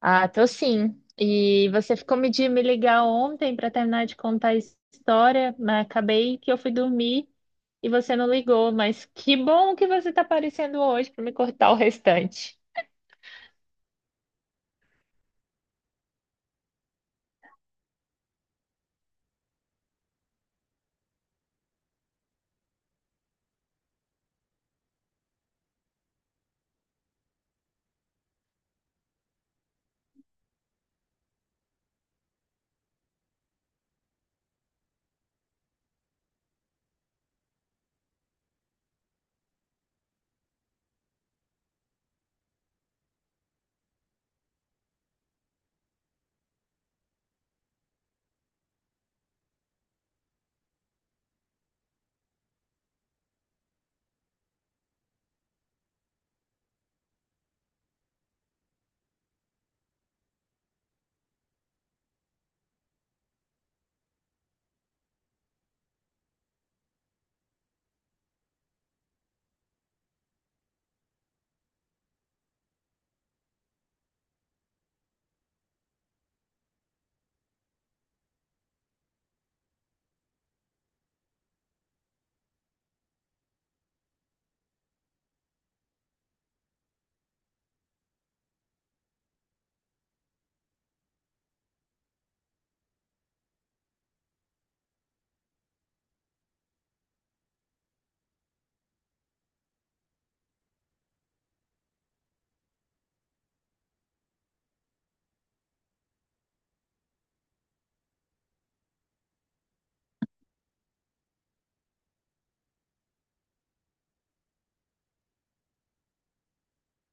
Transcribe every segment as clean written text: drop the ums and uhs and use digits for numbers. Ah, tô sim. E você ficou me de me ligar ontem para terminar de contar a história, mas acabei que eu fui dormir e você não ligou. Mas que bom que você está aparecendo hoje para me cortar o restante.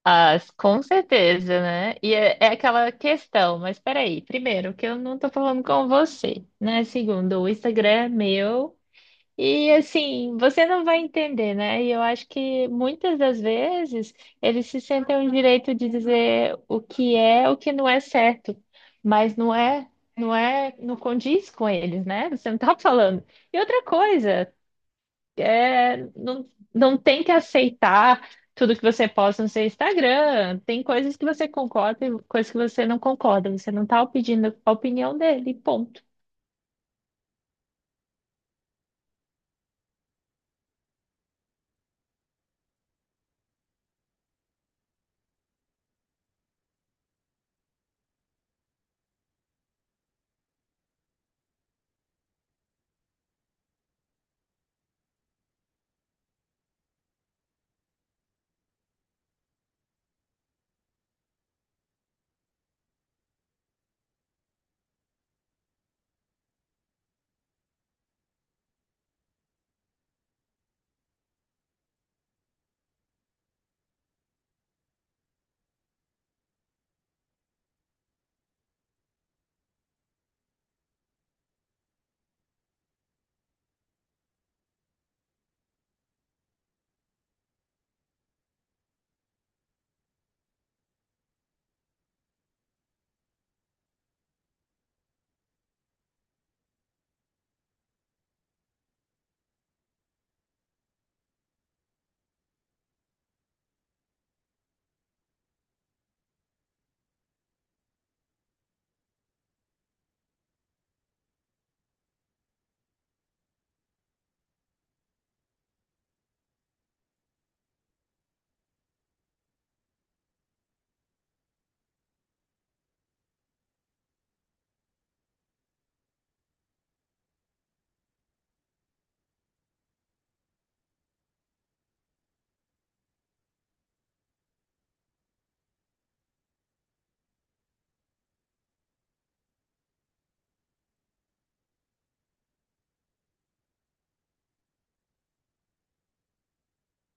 Ah, com certeza, né? É aquela questão, mas peraí, primeiro, que eu não tô falando com você, né? Segundo, o Instagram é meu. E assim, você não vai entender, né? E eu acho que muitas das vezes eles se sentem o direito de dizer o que é, o que não é certo, mas não condiz com eles, né? Você não tá falando. E outra coisa, é, não, não tem que aceitar tudo que você posta no seu Instagram. Tem coisas que você concorda e coisas que você não concorda. Você não tá pedindo a opinião dele, ponto.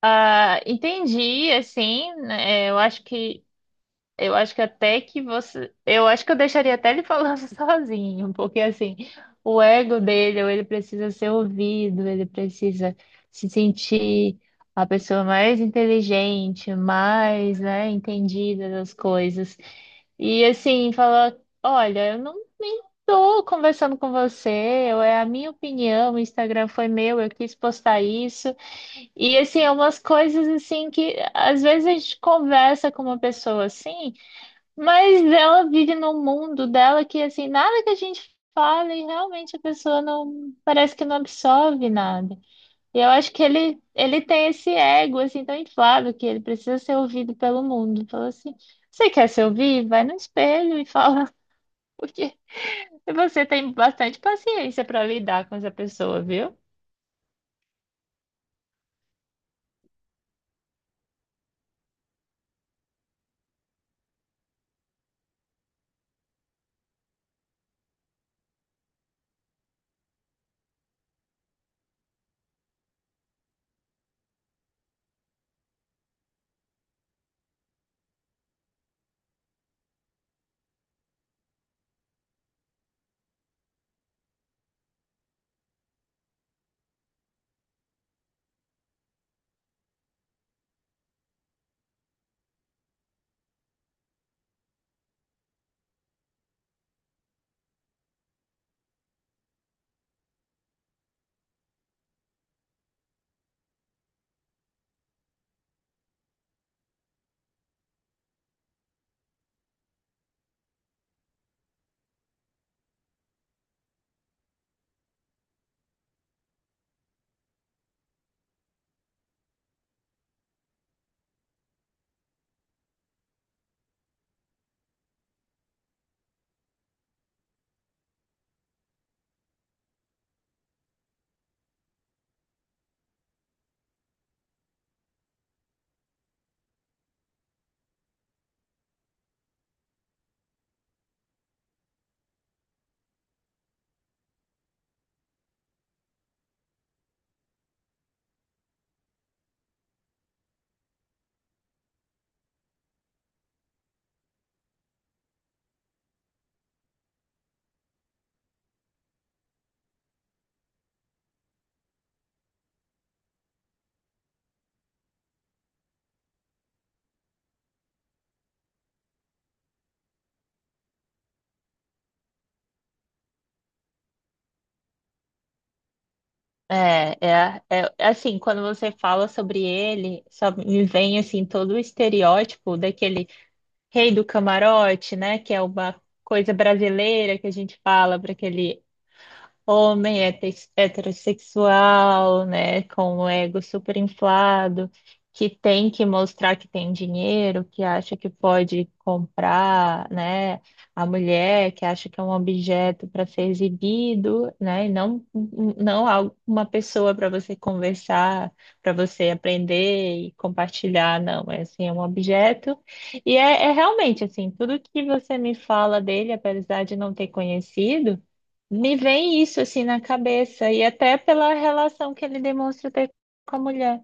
Ah, entendi, assim, né, eu acho que Eu acho que até que você. Eu acho que eu deixaria até ele falando sozinho, porque assim, o ego dele, ou ele precisa ser ouvido, ele precisa se sentir a pessoa mais inteligente, mais, né, entendida das coisas. E assim, falar: olha, eu nem tô conversando com você, eu, é a minha opinião, o Instagram foi meu, eu quis postar isso. E assim, é umas coisas assim que às vezes a gente conversa com uma pessoa assim. Mas ela vive num mundo dela que, assim, nada que a gente fala e realmente a pessoa não, parece que não absorve nada. E eu acho que ele tem esse ego, assim, tão inflado que ele precisa ser ouvido pelo mundo. Falou assim, você quer se ouvir? Vai no espelho e fala, porque você tem bastante paciência para lidar com essa pessoa, viu? É, assim, quando você fala sobre ele, só me vem assim todo o estereótipo daquele Rei do Camarote, né? Que é uma coisa brasileira que a gente fala para aquele heterossexual, né, com o ego super inflado, que tem que mostrar que tem dinheiro, que acha que pode comprar, né, a mulher, que acha que é um objeto para ser exibido, né, e não não algo- uma pessoa para você conversar, para você aprender e compartilhar, não, é assim, é um objeto. E é realmente assim, tudo que você me fala dele, apesar de não ter conhecido, me vem isso assim na cabeça, e até pela relação que ele demonstra ter com a mulher.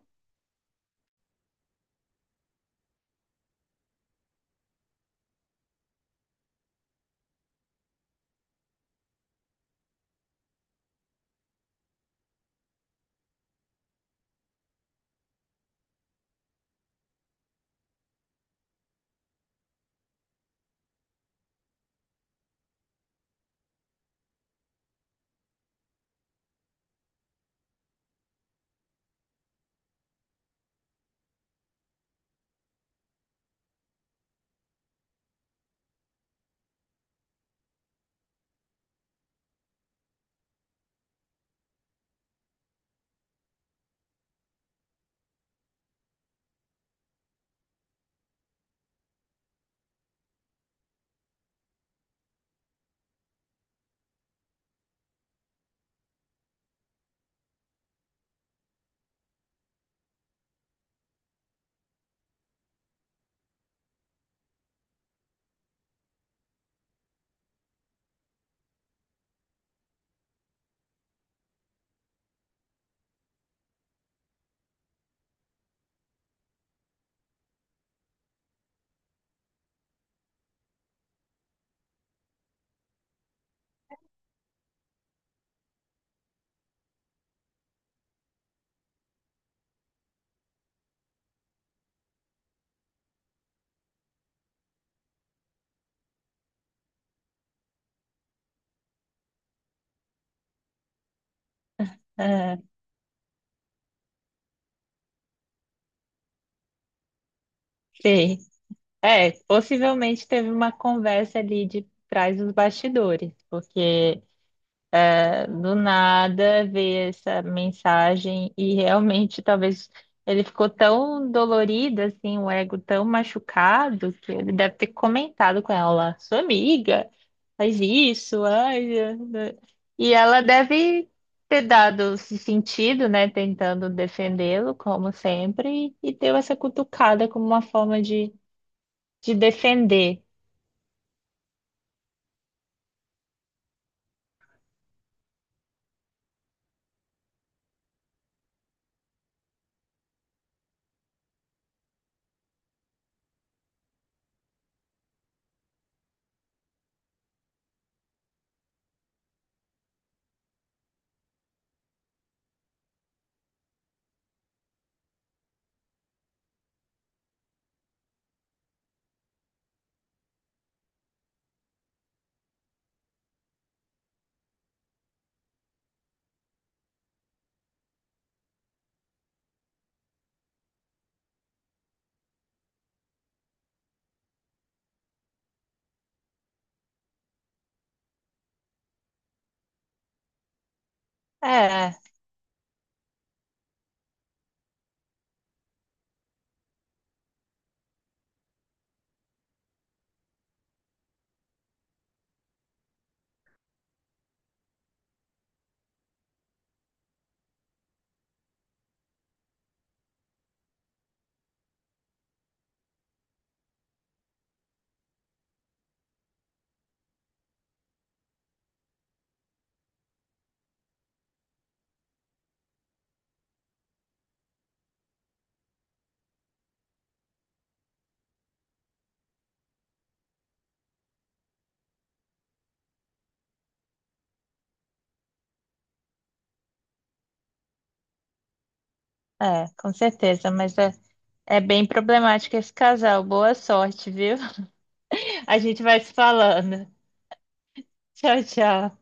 Ah, sei. É, possivelmente teve uma conversa ali de trás dos bastidores, porque do nada ver essa mensagem e realmente talvez ele ficou tão dolorido, assim, o ego tão machucado, que ele deve ter comentado com ela: sua amiga, faz isso, ai. É, né? E ela deve ter dado esse sentido, né, tentando defendê-lo, como sempre, e deu essa cutucada como uma forma de defender. É, com certeza, é bem problemático esse casal. Boa sorte, viu? A gente vai se falando. Tchau, tchau.